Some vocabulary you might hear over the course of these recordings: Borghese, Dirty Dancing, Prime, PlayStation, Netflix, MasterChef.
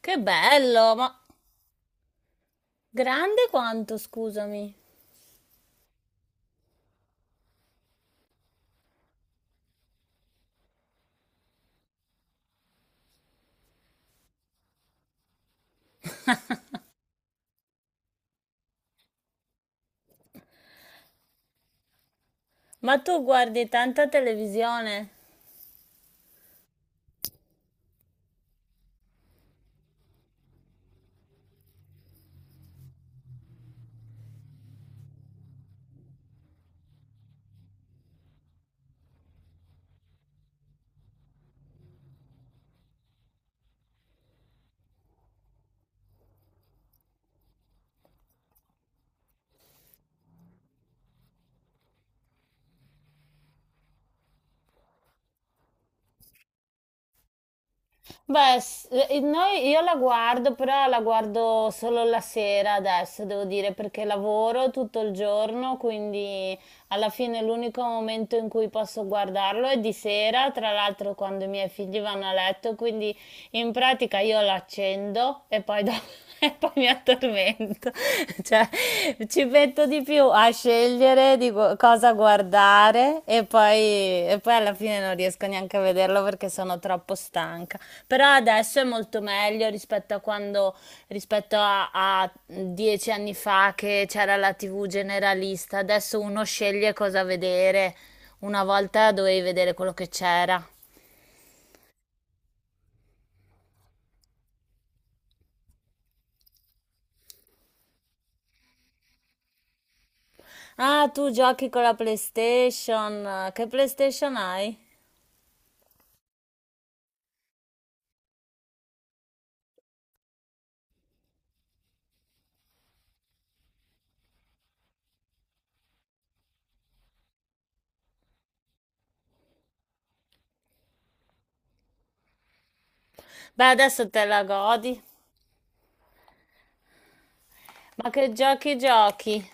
Che bello, ma grande quanto, scusami. Ma tu guardi tanta televisione? Beh, io la guardo, però la guardo solo la sera adesso, devo dire, perché lavoro tutto il giorno, quindi alla fine l'unico momento in cui posso guardarlo è di sera, tra l'altro quando i miei figli vanno a letto, quindi in pratica io l'accendo e poi, e poi mi addormento. Cioè, ci metto di più a scegliere di cosa guardare e poi, alla fine non riesco neanche a vederlo perché sono troppo stanca. Però adesso è molto meglio rispetto a 10 anni fa che c'era la TV generalista. Adesso uno sceglie cosa vedere. Una volta dovevi vedere quello che c'era. Ah, tu giochi con la PlayStation. Che PlayStation hai? Beh, adesso te la godi. Ma che giochi giochi?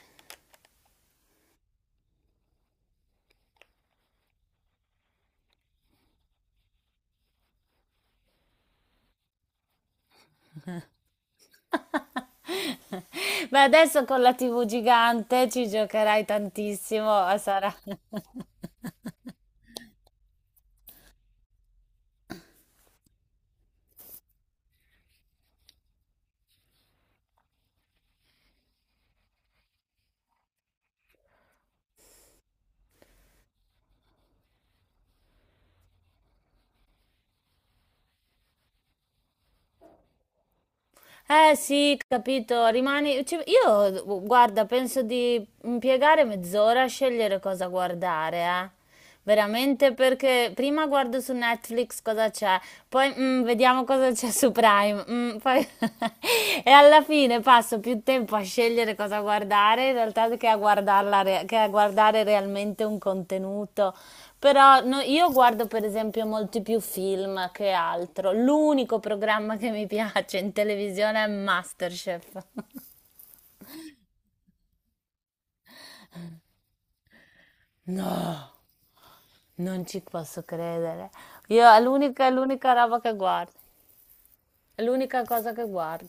Beh, adesso con la TV gigante ci giocherai tantissimo. Sarà. Eh sì, capito, io, guarda, penso di impiegare mezz'ora a scegliere cosa guardare, eh. Veramente perché prima guardo su Netflix cosa c'è, poi, vediamo cosa c'è su Prime, e alla fine passo più tempo a scegliere cosa guardare in realtà che a guardare realmente un contenuto. Però io guardo per esempio molti più film che altro. L'unico programma che mi piace in televisione è MasterChef. No, non ci posso credere. Io è l'unica roba che guardo. È l'unica cosa che guardo.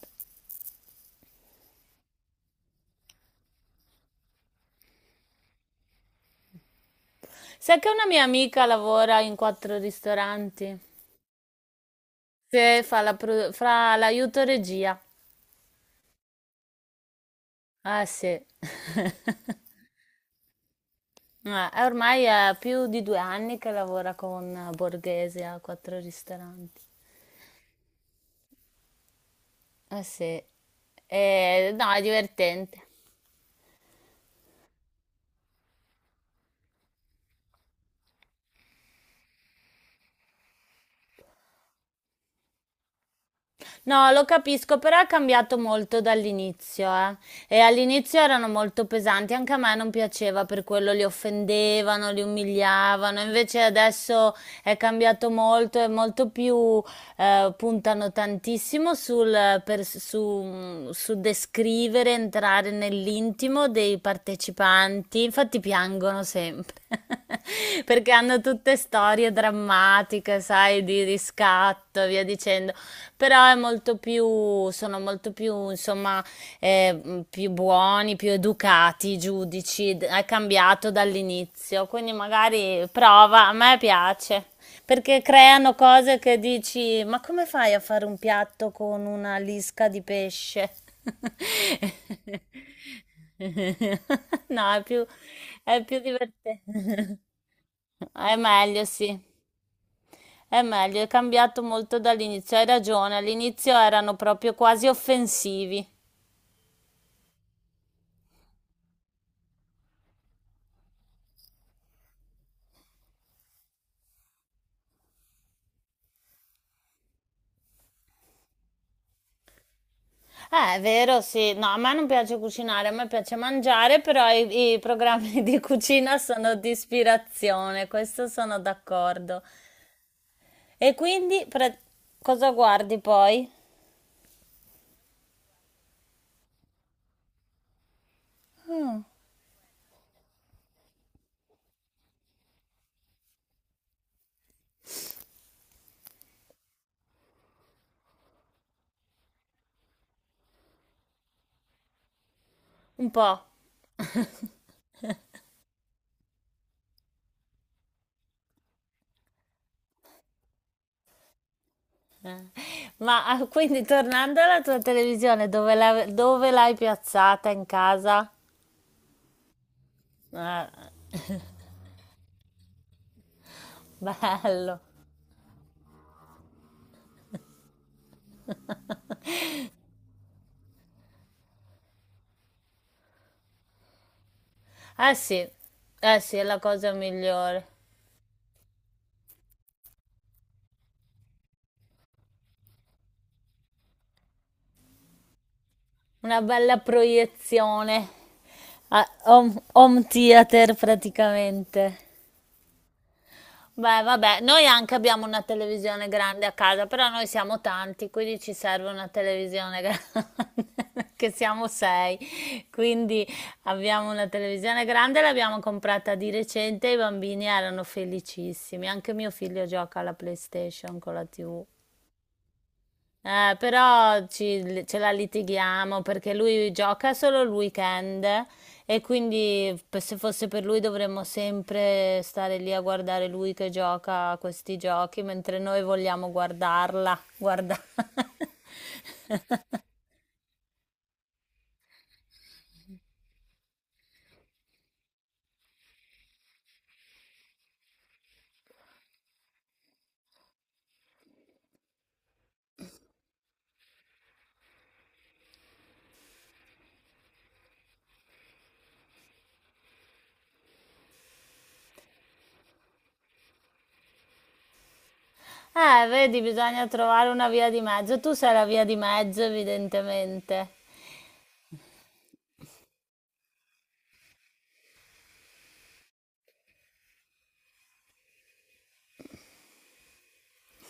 Sai che una mia amica lavora in quattro ristoranti? Sì, fa l'aiuto regia. Ah sì. Ormai è più di 2 anni che lavora con Borghese a quattro ristoranti. Eh sì, eh, no, è divertente. No, lo capisco, però è cambiato molto dall'inizio, eh. E all'inizio erano molto pesanti, anche a me non piaceva, per quello li offendevano, li umiliavano. Invece adesso è cambiato molto, è molto più, puntano tantissimo su descrivere, entrare nell'intimo dei partecipanti. Infatti piangono sempre. Perché hanno tutte storie drammatiche, sai, di riscatto e via dicendo, però sono molto più, insomma, più buoni, più educati i giudici, è cambiato dall'inizio, quindi magari prova, a me piace, perché creano cose che dici, ma come fai a fare un piatto con una lisca di pesce? No, è più divertente. È meglio, sì. È meglio, è cambiato molto dall'inizio. Hai ragione, all'inizio erano proprio quasi offensivi. È vero, sì. No, a me non piace cucinare, a me piace mangiare, però i programmi di cucina sono di ispirazione, questo sono d'accordo. E quindi, cosa guardi poi? Mm, un po'. Eh. Ma quindi tornando alla tua televisione, dove l'hai piazzata in casa? Ah, bello. Eh sì, eh sì, è la cosa migliore. Una bella proiezione. Ah, home theater praticamente. Beh, vabbè, noi anche abbiamo una televisione grande a casa, però noi siamo tanti, quindi ci serve una televisione grande, che siamo sei. Quindi abbiamo una televisione grande, l'abbiamo comprata di recente, i bambini erano felicissimi. Anche mio figlio gioca alla PlayStation con la TV. Però ce la litighiamo perché lui gioca solo il weekend e quindi se fosse per lui dovremmo sempre stare lì a guardare lui che gioca a questi giochi mentre noi vogliamo guardarla. Guarda. Vedi, bisogna trovare una via di mezzo. Tu sei la via di mezzo, evidentemente.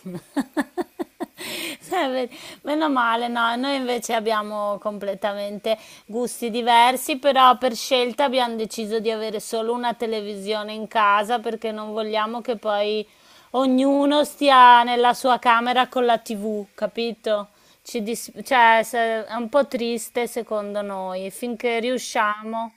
Sai, meno male, no, noi invece abbiamo completamente gusti diversi, però per scelta abbiamo deciso di avere solo una televisione in casa perché non vogliamo che poi ognuno stia nella sua camera con la TV, capito? Cioè, è un po' triste secondo noi, finché riusciamo.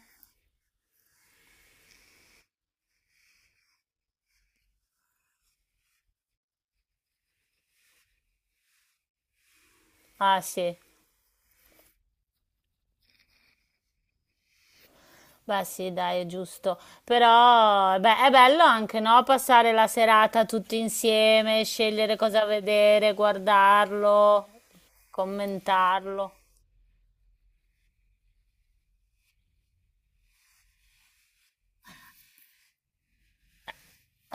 Ah, sì. Beh, sì, dai, è giusto. Però, beh, è bello anche, no? Passare la serata tutti insieme, scegliere cosa vedere, guardarlo, commentarlo.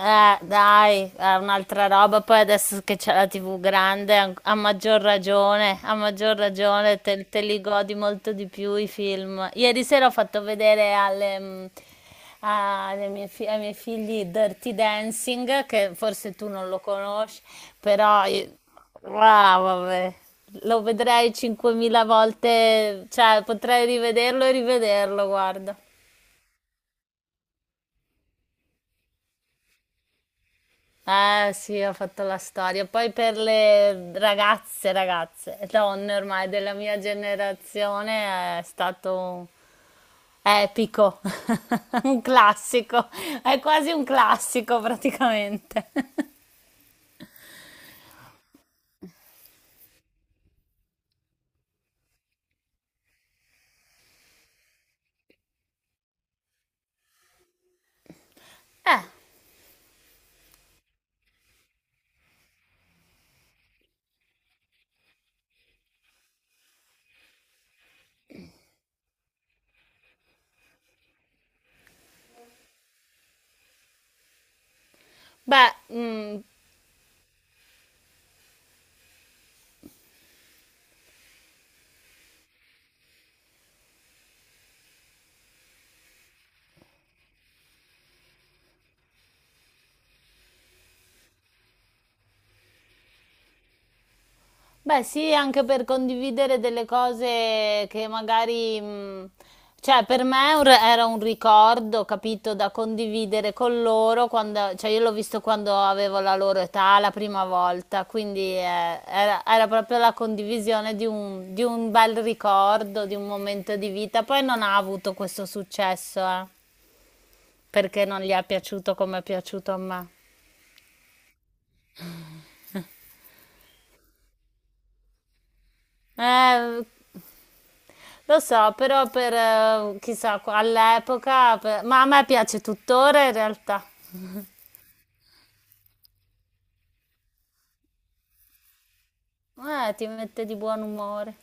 Dai, è un'altra roba. Poi adesso che c'è la TV grande, a maggior ragione te li godi molto di più i film. Ieri sera ho fatto vedere alle, mm, alle mie fi- ai miei figli Dirty Dancing, che forse tu non lo conosci, però vabbè, lo vedrei 5.000 volte, cioè potrei rivederlo e rivederlo, guarda. Eh sì, ho fatto la storia. Poi per le ragazze, ragazze, donne ormai della mia generazione è stato epico, un classico, è quasi un classico praticamente. Eh, beh, beh, sì, anche per condividere delle cose che magari, cioè per me era un ricordo, capito, da condividere con loro quando, cioè io l'ho visto quando avevo la loro età la prima volta, quindi era proprio la condivisione di un bel ricordo, di un momento di vita. Poi non ha avuto questo successo, perché non gli è piaciuto come è piaciuto a me. Eh, lo so, però per chissà, all'epoca, ma a me piace tuttora in realtà. Ti mette di buon umore.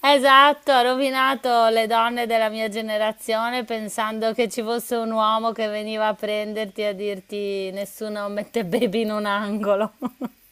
Esatto, ha rovinato le donne della mia generazione pensando che ci fosse un uomo che veniva a prenderti e a dirti nessuno mette baby in un angolo.